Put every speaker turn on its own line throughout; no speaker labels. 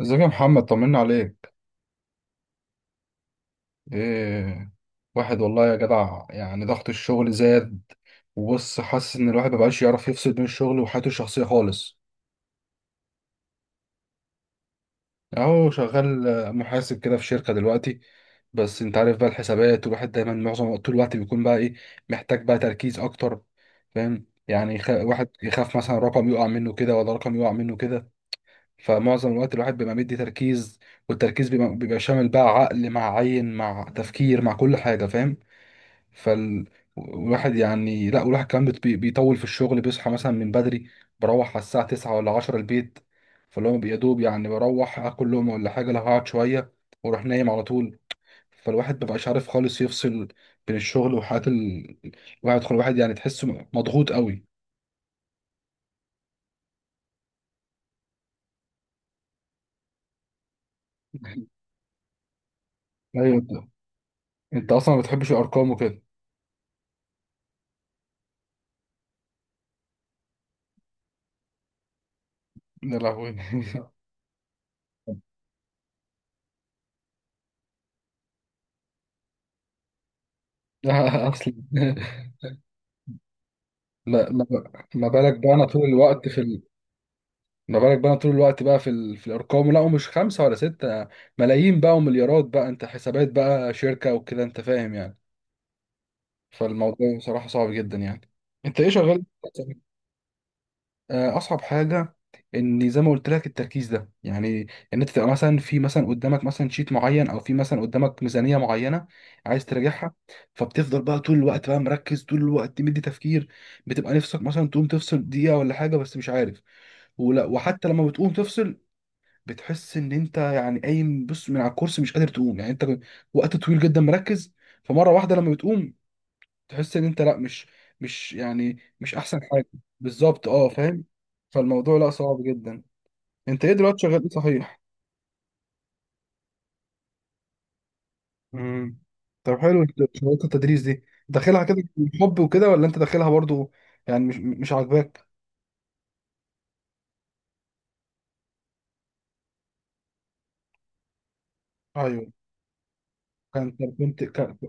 ازيك يا محمد، طمنا عليك. ايه، واحد والله يا جدع، يعني ضغط الشغل زاد. وبص، حاسس ان الواحد مبقاش يعرف يفصل بين الشغل وحياته الشخصية خالص. اهو شغال، محاسب كده في شركة دلوقتي. بس انت عارف بقى الحسابات، والواحد دايما معظم طول الوقت بيكون بقى ايه، محتاج بقى تركيز اكتر. فاهم. يعني واحد يخاف مثلا رقم يقع منه كده ولا رقم يقع منه كده. فمعظم الوقت الواحد بيبقى مدي تركيز. والتركيز بيبقى شامل بقى عقل مع عين مع تفكير مع كل حاجة، فاهم. فالواحد يعني لا، والواحد كمان بيطول في الشغل، بيصحى مثلا من بدري. بروح على الساعة 9 ولا 10 البيت. فاللي هو يا دوب يعني بروح اكل لقمة ولا حاجة لو هقعد شوية، واروح نايم على طول. فالواحد مبقاش عارف خالص يفصل بين الشغل وحياة الواحد يعني تحسه مضغوط قوي. ايوه، انت اصلا ما بتحبش الارقام وكده. يا لهوي. اصلا. لا ما بالك بقى انا طول الوقت في. ما بالك بقى طول الوقت بقى في الارقام، لا ومش خمسه ولا سته، ملايين بقى ومليارات بقى، انت حسابات بقى شركه وكده، انت فاهم يعني. فالموضوع بصراحه صعب جدا يعني. انت ايه شغال؟ آه، اصعب حاجه، ان زي ما قلت لك التركيز ده يعني، ان انت تبقى مثلا في مثلا قدامك مثلا شيت معين، او في مثلا قدامك ميزانيه معينه، عايز تراجعها. فبتفضل بقى طول الوقت بقى مركز، طول الوقت مدي تفكير. بتبقى نفسك مثلا تقوم تفصل دقيقه ولا حاجه، بس مش عارف. ولا وحتى لما بتقوم تفصل، بتحس ان انت يعني قايم، بص من على الكرسي مش قادر تقوم يعني، انت وقت طويل جدا مركز. فمره واحده لما بتقوم، تحس ان انت، لا، مش، مش يعني مش احسن حاجه. بالظبط، اه فاهم. فالموضوع لا، صعب جدا. انت ايه دلوقتي شغال ايه، صحيح؟ امم. طب حلو، إنت شغلت التدريس دي، داخلها كده حب وكده؟ ولا انت داخلها برضو؟ يعني مش عاجباك؟ ايوه. كنت كنت كنت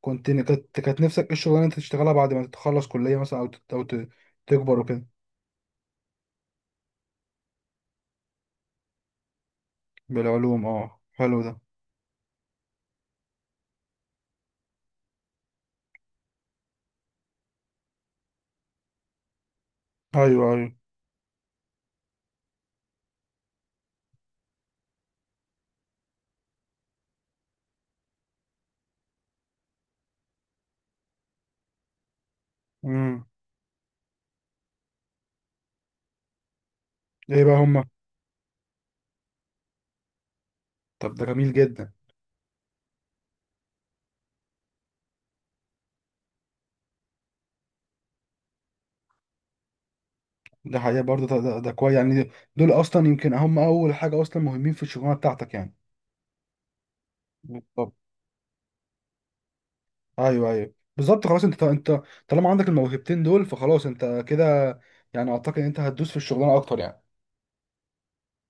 كنت كانت كانت نفسك ايه الشغلانه اللي انت تشتغلها بعد ما تتخلص كليه مثلا، او تكبر وكده. بالعلوم، اه حلو ده. ايوه، ايوه. امم. ايه بقى هما؟ طب ده جميل جدا. ده حقيقة برضه، ده كويس يعني. دول اصلا يمكن هم اول حاجة اصلا مهمين في الشغلانة بتاعتك يعني. بالظبط. ايوه، ايوه، بالظبط. خلاص انت طالما عندك الموهبتين دول، فخلاص انت كده، يعني اعتقد ان انت هتدوس في الشغلانة اكتر يعني.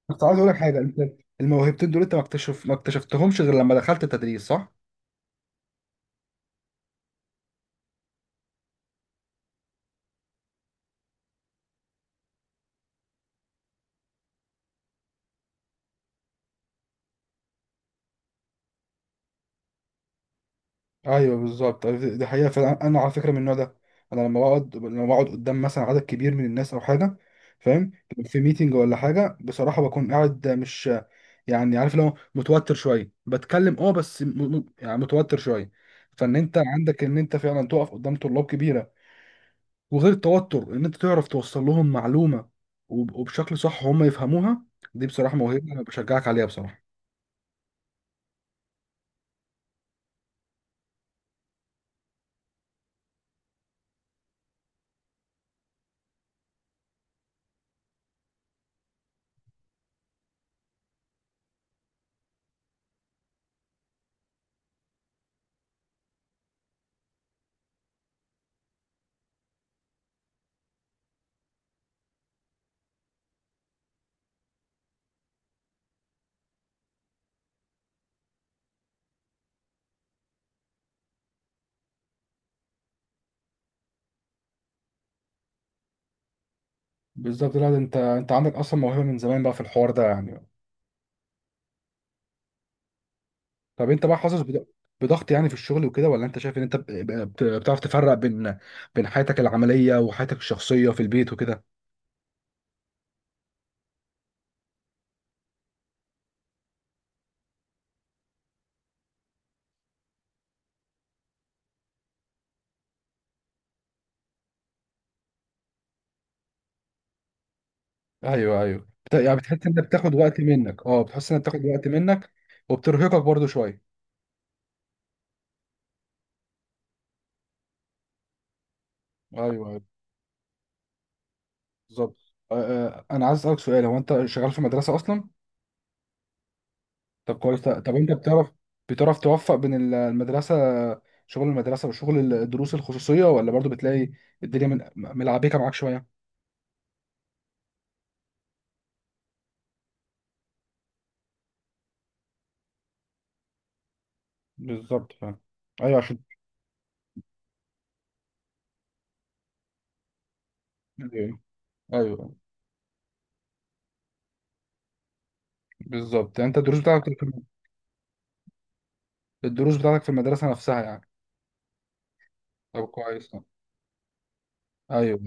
بس عايز اقول لك حاجة، انت الموهبتين دول انت ما اكتشفتهمش غير لما دخلت التدريس، صح؟ ايوه بالظبط. أيوة، دي حقيقه فعلا، انا على فكره من النوع ده. انا لما بقعد قدام مثلا عدد كبير من الناس او حاجه، فاهم. في ميتنج ولا حاجه، بصراحه بكون قاعد، مش يعني عارف، لو متوتر شويه بتكلم اه، بس يعني متوتر شويه. فان انت عندك ان انت فعلا تقف قدام طلاب كبيره، وغير التوتر ان انت تعرف توصل لهم معلومه، وب- وبشكل صح هم يفهموها. دي بصراحه موهبه، انا بشجعك عليها بصراحه. بالظبط. لا ده انت عندك اصلا موهبه من زمان بقى في الحوار ده يعني. طب انت بقى حاسس بضغط يعني في الشغل وكده، ولا انت شايف ان انت بتعرف تفرق بين حياتك العمليه وحياتك الشخصيه في البيت وكده؟ ايوه، ايوه، يعني بتحس انك بتاخد وقت منك، اه بتحس انك بتاخد وقت منك، وبترهقك برضو شويه. ايوه، ايوه، بالظبط. انا عايز اسالك سؤال، هو انت شغال في مدرسه اصلا؟ طب كويس، طب انت بتعرف توفق بين المدرسه، شغل المدرسه وشغل الدروس الخصوصيه، ولا برضو بتلاقي الدنيا ملعبكه معاك شويه؟ بالظبط فعلا. ايوه. عشان. ايوه، بالظبط. يعني انت الدروس بتاعتك في المدرسه نفسها يعني. طب كويس. ايوه، أيوة.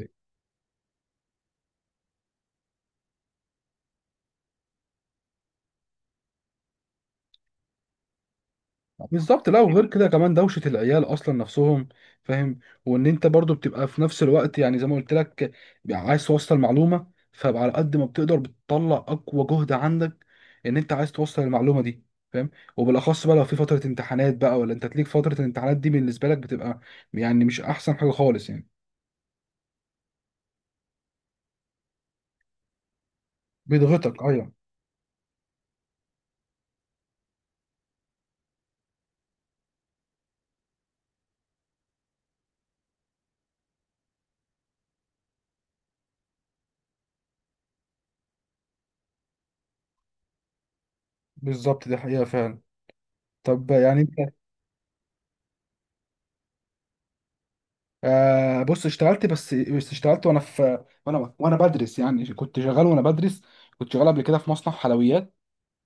بالظبط. لا، وغير كده كمان دوشه العيال اصلا نفسهم، فاهم. وان انت برضو بتبقى في نفس الوقت، يعني زي ما قلت لك عايز توصل معلومه، فبقى على قد ما بتقدر بتطلع اقوى جهد عندك، ان انت عايز توصل المعلومه دي، فاهم. وبالاخص بقى لو في فتره امتحانات بقى، ولا انت تليك فتره الامتحانات دي بالنسبه لك بتبقى يعني مش احسن حاجه خالص يعني. بيضغطك، ايوه. بالظبط، دي حقيقه فعلا. طب يعني انت، آه بص اشتغلت، بس اشتغلت وانا في وانا وانا بدرس، يعني كنت شغال وانا بدرس. كنت شغال قبل كده في مصنع حلويات.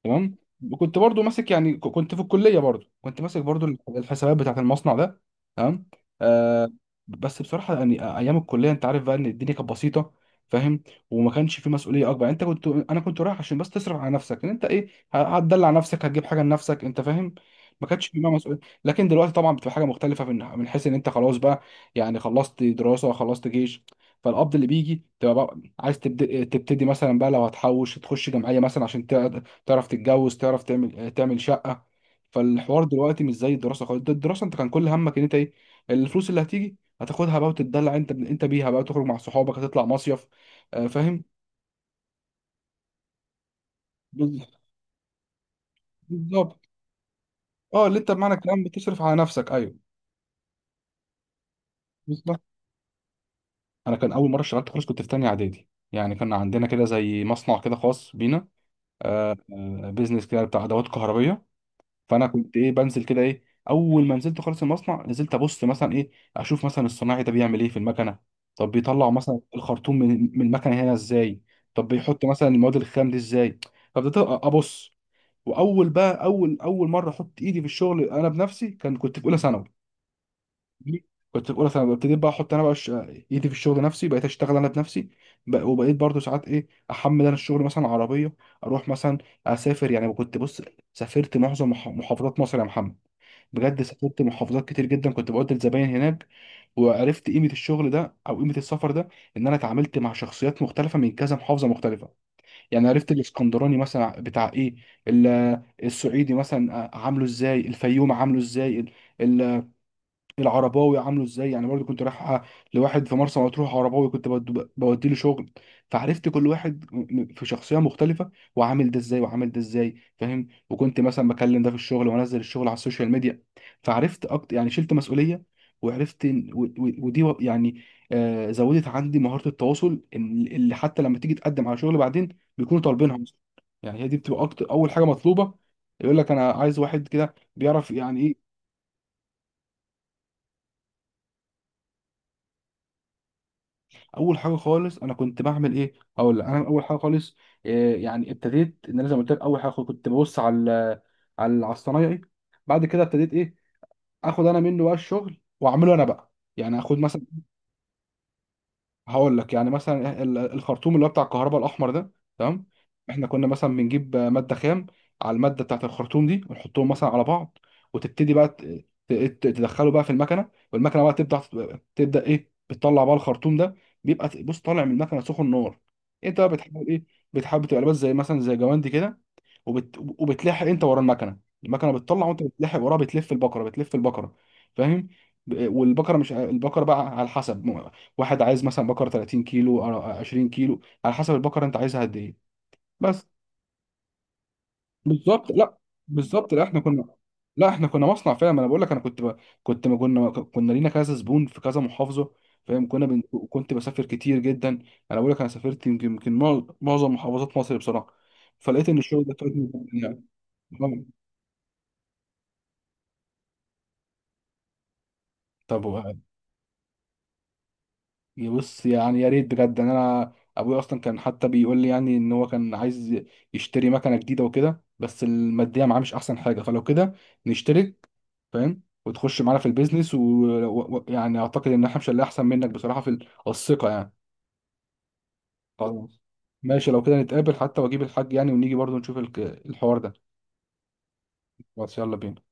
تمام. وكنت برضو ماسك، يعني كنت في الكليه، برضو كنت ماسك برضو الحسابات بتاعت المصنع ده. تمام. آه. بس بصراحه يعني ايام الكليه، انت عارف بقى ان الدنيا كانت بسيطه، فاهم. وما كانش في مسؤوليه اكبر، يعني انت كنت انا كنت رايح عشان بس تصرف على نفسك، ان انت ايه، هتدلع نفسك، هتجيب حاجه لنفسك، انت فاهم. ما كانش في بقى مسؤوليه. لكن دلوقتي طبعا بتبقى حاجه مختلفه، من حيث ان انت خلاص بقى، يعني خلصت دراسه، خلصت جيش. فالقبض اللي بيجي تبقى بقى عايز تبدأ تبتدي مثلا بقى، لو هتحوش تخش جمعيه مثلا عشان تعرف تتجوز، تعرف تعمل شقة. فالحوار دلوقتي مش زي الدراسة خالص، ده الدراسة انت كان كل همك ان انت ايه، الفلوس اللي هتيجي هتاخدها بقى وتتدلع انت بيها بقى، تخرج مع صحابك، هتطلع مصيف. آه، فاهم. بال- بالظبط. اه، اللي انت بمعنى الكلام بتصرف على نفسك، ايوه. بالظبط. انا كان اول مرة اشتغلت خالص كنت في تانية اعدادي، يعني كان عندنا كده زي مصنع كده خاص بينا، آه، بيزنس كده بتاع ادوات كهربية. فانا كنت ايه بنزل كده ايه، اول ما نزلت خالص المصنع نزلت ابص مثلا ايه، اشوف مثلا الصناعي ده بيعمل ايه في المكنه. طب بيطلع مثلا الخرطوم من المكنه هنا ازاي؟ طب بيحط مثلا المواد الخام دي ازاي؟ فبدأت ابص. واول بقى اول اول مره احط ايدي في الشغل انا بنفسي، كان كنت في اولى ثانوي. ابتديت بقى احط انا بقى ايدي في الشغل، نفسي بقيت اشتغل انا بنفسي. وبقيت برضو ساعات ايه احمل انا الشغل مثلا عربيه، اروح مثلا اسافر. يعني كنت بص، سافرت معظم محافظات مصر يا محمد. بجد سافرت محافظات كتير جدا، كنت بقعد الزباين هناك. وعرفت قيمه الشغل ده، او قيمه السفر ده، ان انا اتعاملت مع شخصيات مختلفه من كذا محافظه مختلفه. يعني عرفت الاسكندراني مثلا بتاع ايه، السعيدي مثلا عامله ازاي، الفيوم عامله ازاي، العرباوي عامله ازاي. يعني برضو كنت رايح لواحد في مرسى مطروح عرباوي، كنت بودي له شغل. فعرفت كل واحد في شخصيه مختلفه، وعامل ده ازاي وعامل ده ازاي، فاهم. وكنت مثلا بكلم ده في الشغل وانزل الشغل على السوشيال ميديا. فعرفت اكتر، يعني شلت مسؤوليه، وعرفت يعني، زودت عندي مهاره التواصل، اللي حتى لما تيجي تقدم على شغل بعدين بيكونوا طالبينها أصلاً. يعني هي دي بتبقى اكتر اول حاجه مطلوبه، يقول لك انا عايز واحد كده بيعرف يعني إيه. اول حاجه خالص انا كنت بعمل ايه، اقول لك، انا اول حاجه خالص إيه، يعني ابتديت ان انا زي ما قلت لك اول حاجه كنت ببص على، الصنايعي. بعد كده ابتديت ايه؟ اخد انا منه بقى الشغل واعمله انا بقى، يعني اخد مثلا، هقول لك يعني مثلا الخرطوم اللي هو بتاع الكهرباء الاحمر ده. تمام. احنا كنا مثلا بنجيب ماده خام، على الماده بتاعت الخرطوم دي ونحطهم مثلا على بعض، وتبتدي بقى تدخله بقى في المكنه، والمكنه بقى تبدا، ايه بتطلع بقى الخرطوم ده، بيبقى بص طالع من المكنه سخن نار. انت بقى بتحاول ايه؟ بتحاول تبقى لابس زي مثلا زي جواندي كده، وبتلاحق انت ورا المكنه. المكنه بتطلع وانت بتلاحق وراها، بتلف البقره. فاهم. والبقره، مش البقره بقى على حسب واحد عايز مثلا بقره 30 كيلو أو 20 كيلو، على حسب البقره انت عايزها قد ايه. بس. بالظبط. لا، بالظبط. لا احنا كنا، مصنع فعلا، ما انا بقول لك، انا كنت ما كنا لينا كذا زبون في كذا محافظه، فاهم. كنا كنت بسافر كتير جدا. انا بقول لك، انا سافرت يمكن معظم محافظات مصر بصراحه. فلقيت ان الشغل ده فادني جداً يعني. آه. طب بص، يعني يا ريت بجد، ان انا ابويا اصلا كان حتى بيقول لي يعني ان هو كان عايز يشتري مكنه جديده وكده، بس الماديه معاه مش احسن حاجه، فلو كده نشترك، فاهم، وتخش معانا في البيزنس، ويعني اعتقد ان احنا مش اللي احسن منك بصراحه في الثقه يعني. خلاص ماشي، لو كده نتقابل حتى واجيب الحاج يعني، ونيجي برضه نشوف الحوار ده. بس يلا بينا.